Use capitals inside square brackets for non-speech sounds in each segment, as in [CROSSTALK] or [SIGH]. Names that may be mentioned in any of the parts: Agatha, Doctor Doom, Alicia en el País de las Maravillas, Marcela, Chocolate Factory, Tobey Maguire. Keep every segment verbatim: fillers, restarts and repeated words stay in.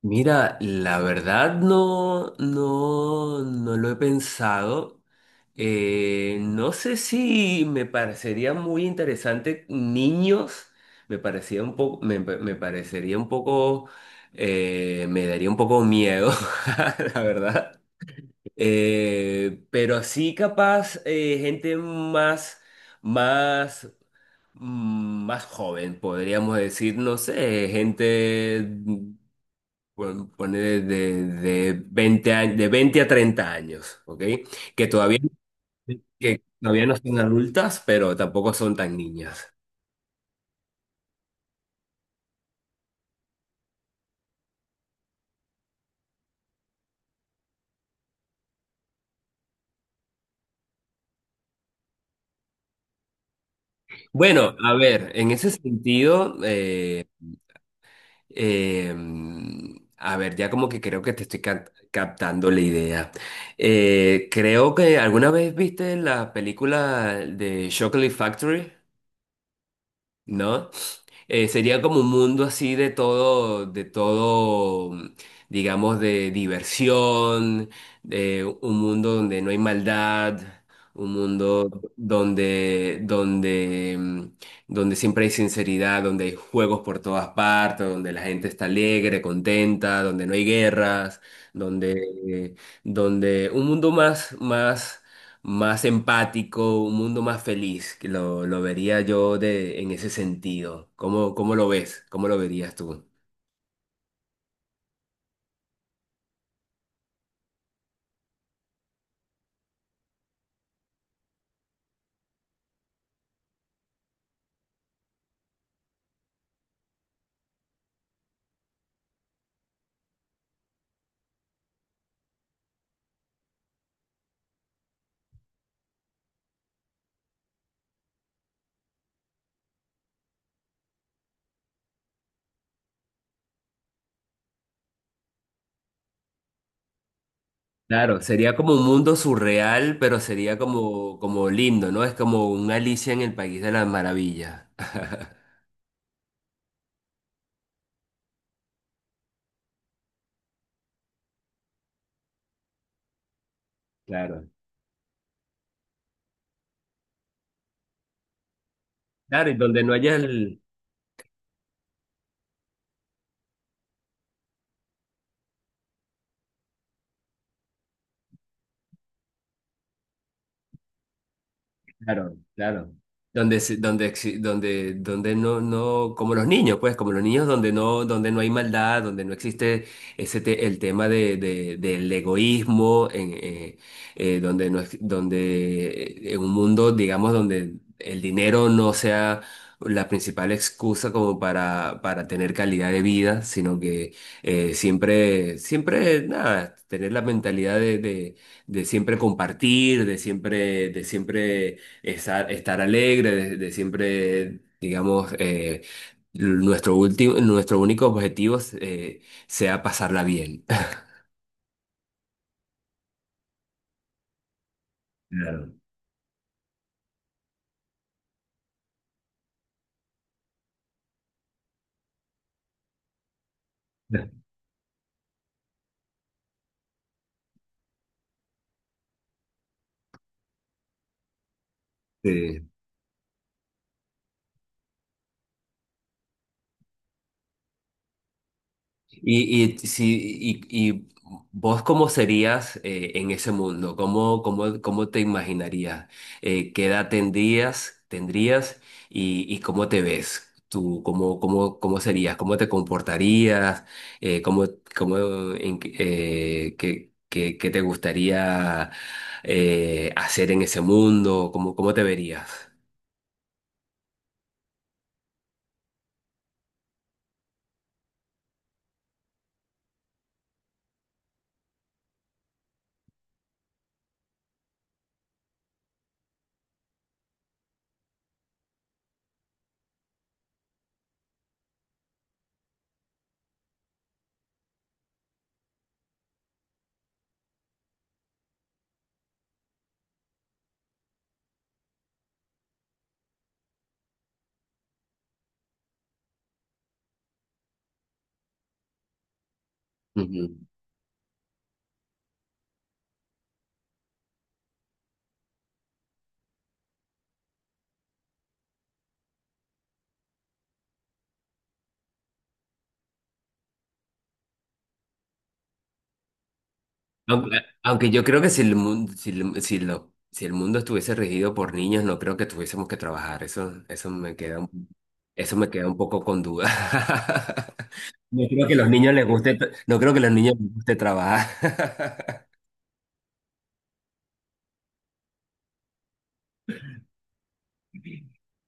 Mira, la verdad no, no, no lo he pensado. Eh, no sé si me parecería muy interesante niños. Me parecía un poco, me, me parecería un poco, eh, me daría un poco miedo, [LAUGHS] la verdad. Eh, pero sí capaz eh, gente más, más, mm, más joven, podríamos decir, no sé, gente bueno, poner de, de veinte años, de veinte a treinta años, ¿ok? Que todavía, que todavía no son adultas, pero tampoco son tan niñas. Bueno, a ver, en ese sentido, eh, eh, a ver, ya como que creo que te estoy cap- captando la idea. Eh, creo que alguna vez viste la película de Chocolate Factory, ¿no? Eh, sería como un mundo así de todo, de todo, digamos, de diversión, de un mundo donde no hay maldad, un mundo donde, donde, mm, donde siempre hay sinceridad, donde hay juegos por todas partes, donde la gente está alegre, contenta, donde no hay guerras, donde, donde un mundo más, más más empático, un mundo más feliz, que lo, lo vería yo de, en ese sentido. ¿Cómo, cómo lo ves? ¿Cómo lo verías tú? Claro, sería como un mundo surreal, pero sería como, como lindo, ¿no? Es como un Alicia en el País de las Maravillas. Claro. Claro, y donde no haya el, claro, claro. Donde, se- donde, exi- donde, donde no, no, Como los niños, pues, como los niños donde no, donde no hay maldad, donde no existe ese te- el tema de, de- del egoísmo, en, eh, eh, donde no, ex- donde eh, en un mundo, digamos, donde el dinero no sea la principal excusa como para, para tener calidad de vida, sino que eh, siempre, siempre, nada, tener la mentalidad de de- de siempre compartir, de siempre, de siempre estar, estar alegre, de, de siempre, digamos, eh, nuestro último, nuestro único objetivo eh, sea pasarla bien. [LAUGHS] Claro. Sí. Y, y, si, y, Y vos cómo serías eh, en ese mundo, ¿cómo, cómo, cómo te imaginarías? Eh, ¿qué edad tendrías, tendrías y, y cómo te ves? ¿Tú cómo, cómo, cómo serías? ¿Cómo te comportarías? Eh, ¿cómo, cómo, en qué, eh, qué- qué- qué te gustaría eh, hacer en ese mundo? ¿Cómo, cómo te verías? Aunque, aunque yo creo que si el mundo, si, el- si lo- si el mundo estuviese regido por niños, no creo que tuviésemos que trabajar. Eso, eso me queda un, eso me queda un poco con duda. [LAUGHS] No creo que los niños les guste, no creo que los niños les guste trabajar.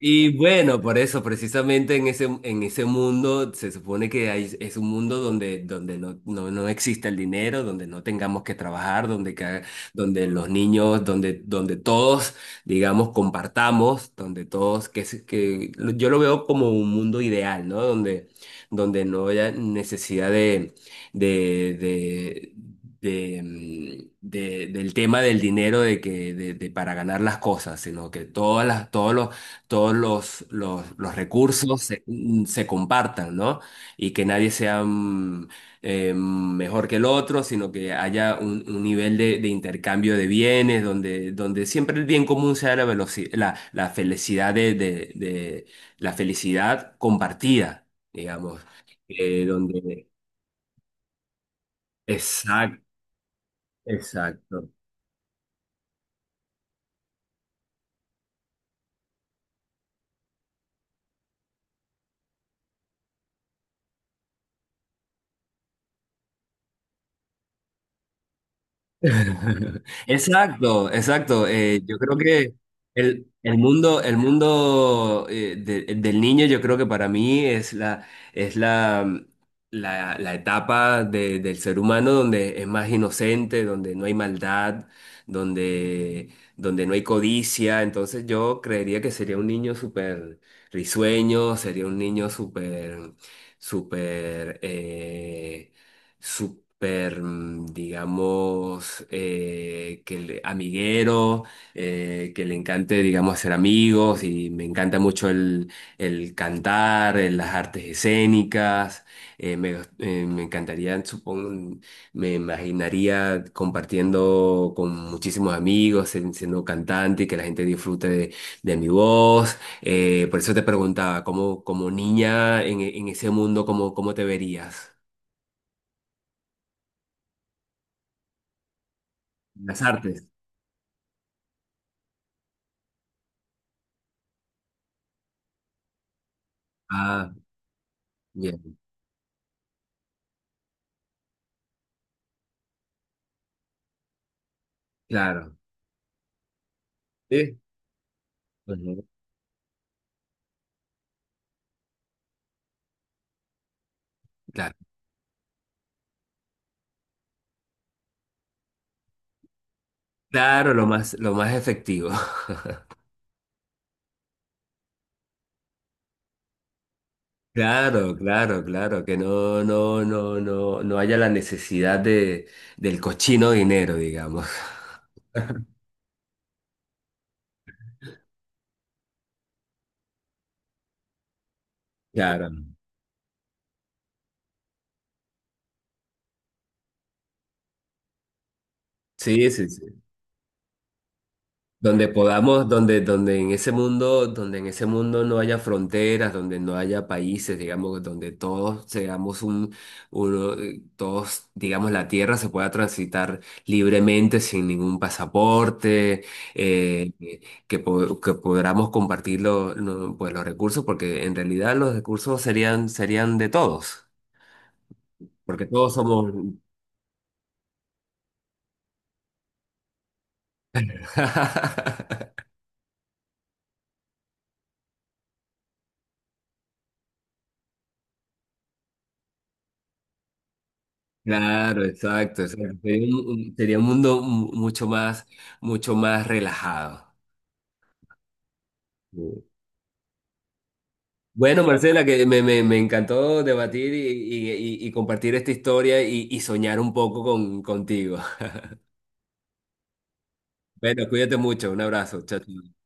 Y bueno, por eso, precisamente en ese, en ese mundo, se supone que hay, es un mundo donde, donde no, no, no existe el dinero, donde no tengamos que trabajar, donde, que- donde los niños, donde, donde todos, digamos, compartamos, donde todos, que, se- que lo- yo lo veo como un mundo ideal, ¿no? Donde, donde no haya necesidad de, de, de, de, mm, de- del tema del dinero de que de, de para ganar las cosas, sino que todas las todos los todos los, los, los recursos se, mm, se compartan, ¿no? Y que nadie sea mm, eh, mejor que el otro, sino que haya un, un nivel de, de intercambio de bienes, donde, donde siempre el bien común sea la veloci- la, la felicidad de, de- de- la felicidad compartida, digamos, eh, donde... Exacto, exacto. [LAUGHS] Exacto, exacto. Eh, yo creo que el, el mundo, el mundo eh, de- del niño, yo creo que para mí es la, es la, mm, la, la etapa de- del ser humano donde es más inocente, donde no hay maldad, donde, donde no hay codicia. Entonces yo creería que sería un niño súper risueño, sería un niño súper, súper... eh, súper, mm, digamos, eh, que le- amiguero, eh, que le encante, digamos, hacer amigos y me encanta mucho el, el cantar, eh, las artes escénicas. eh, me, eh, Me encantaría, supongo, me imaginaría compartiendo con muchísimos amigos, sen- siendo cantante y que la gente disfrute de, de mi voz. Eh, por eso te preguntaba, ¿cómo, como niña en, en ese mundo, cómo, cómo te verías? Las artes. Ah, bien, claro. ¿Sí? Ujú, claro, claro, lo más, lo más efectivo. [LAUGHS] Claro, claro, claro, que no, no, no, no, no haya la necesidad de, del cochino dinero, digamos. [LAUGHS] Claro. Sí, sí, sí. Donde podamos, donde, donde en ese mundo, donde en ese mundo no haya fronteras, donde no haya países, digamos, donde todos seamos un, uno, eh, todos, digamos, la tierra se pueda transitar libremente sin ningún pasaporte, eh, que, po- que podamos compartir lo- lo- pues, los recursos, porque en realidad los recursos serían, serían de todos, porque todos somos. [LAUGHS] Claro, exacto, exacto. Sería un, un- sería un mundo mu- mucho más, mucho más relajado. Sí. Bueno, Marcela, que me, me, me encantó debatir y, y- y- y compartir esta historia y, y soñar un poco con, contigo. [LAUGHS] Bueno, cuídate mucho, un abrazo, chao. Chao.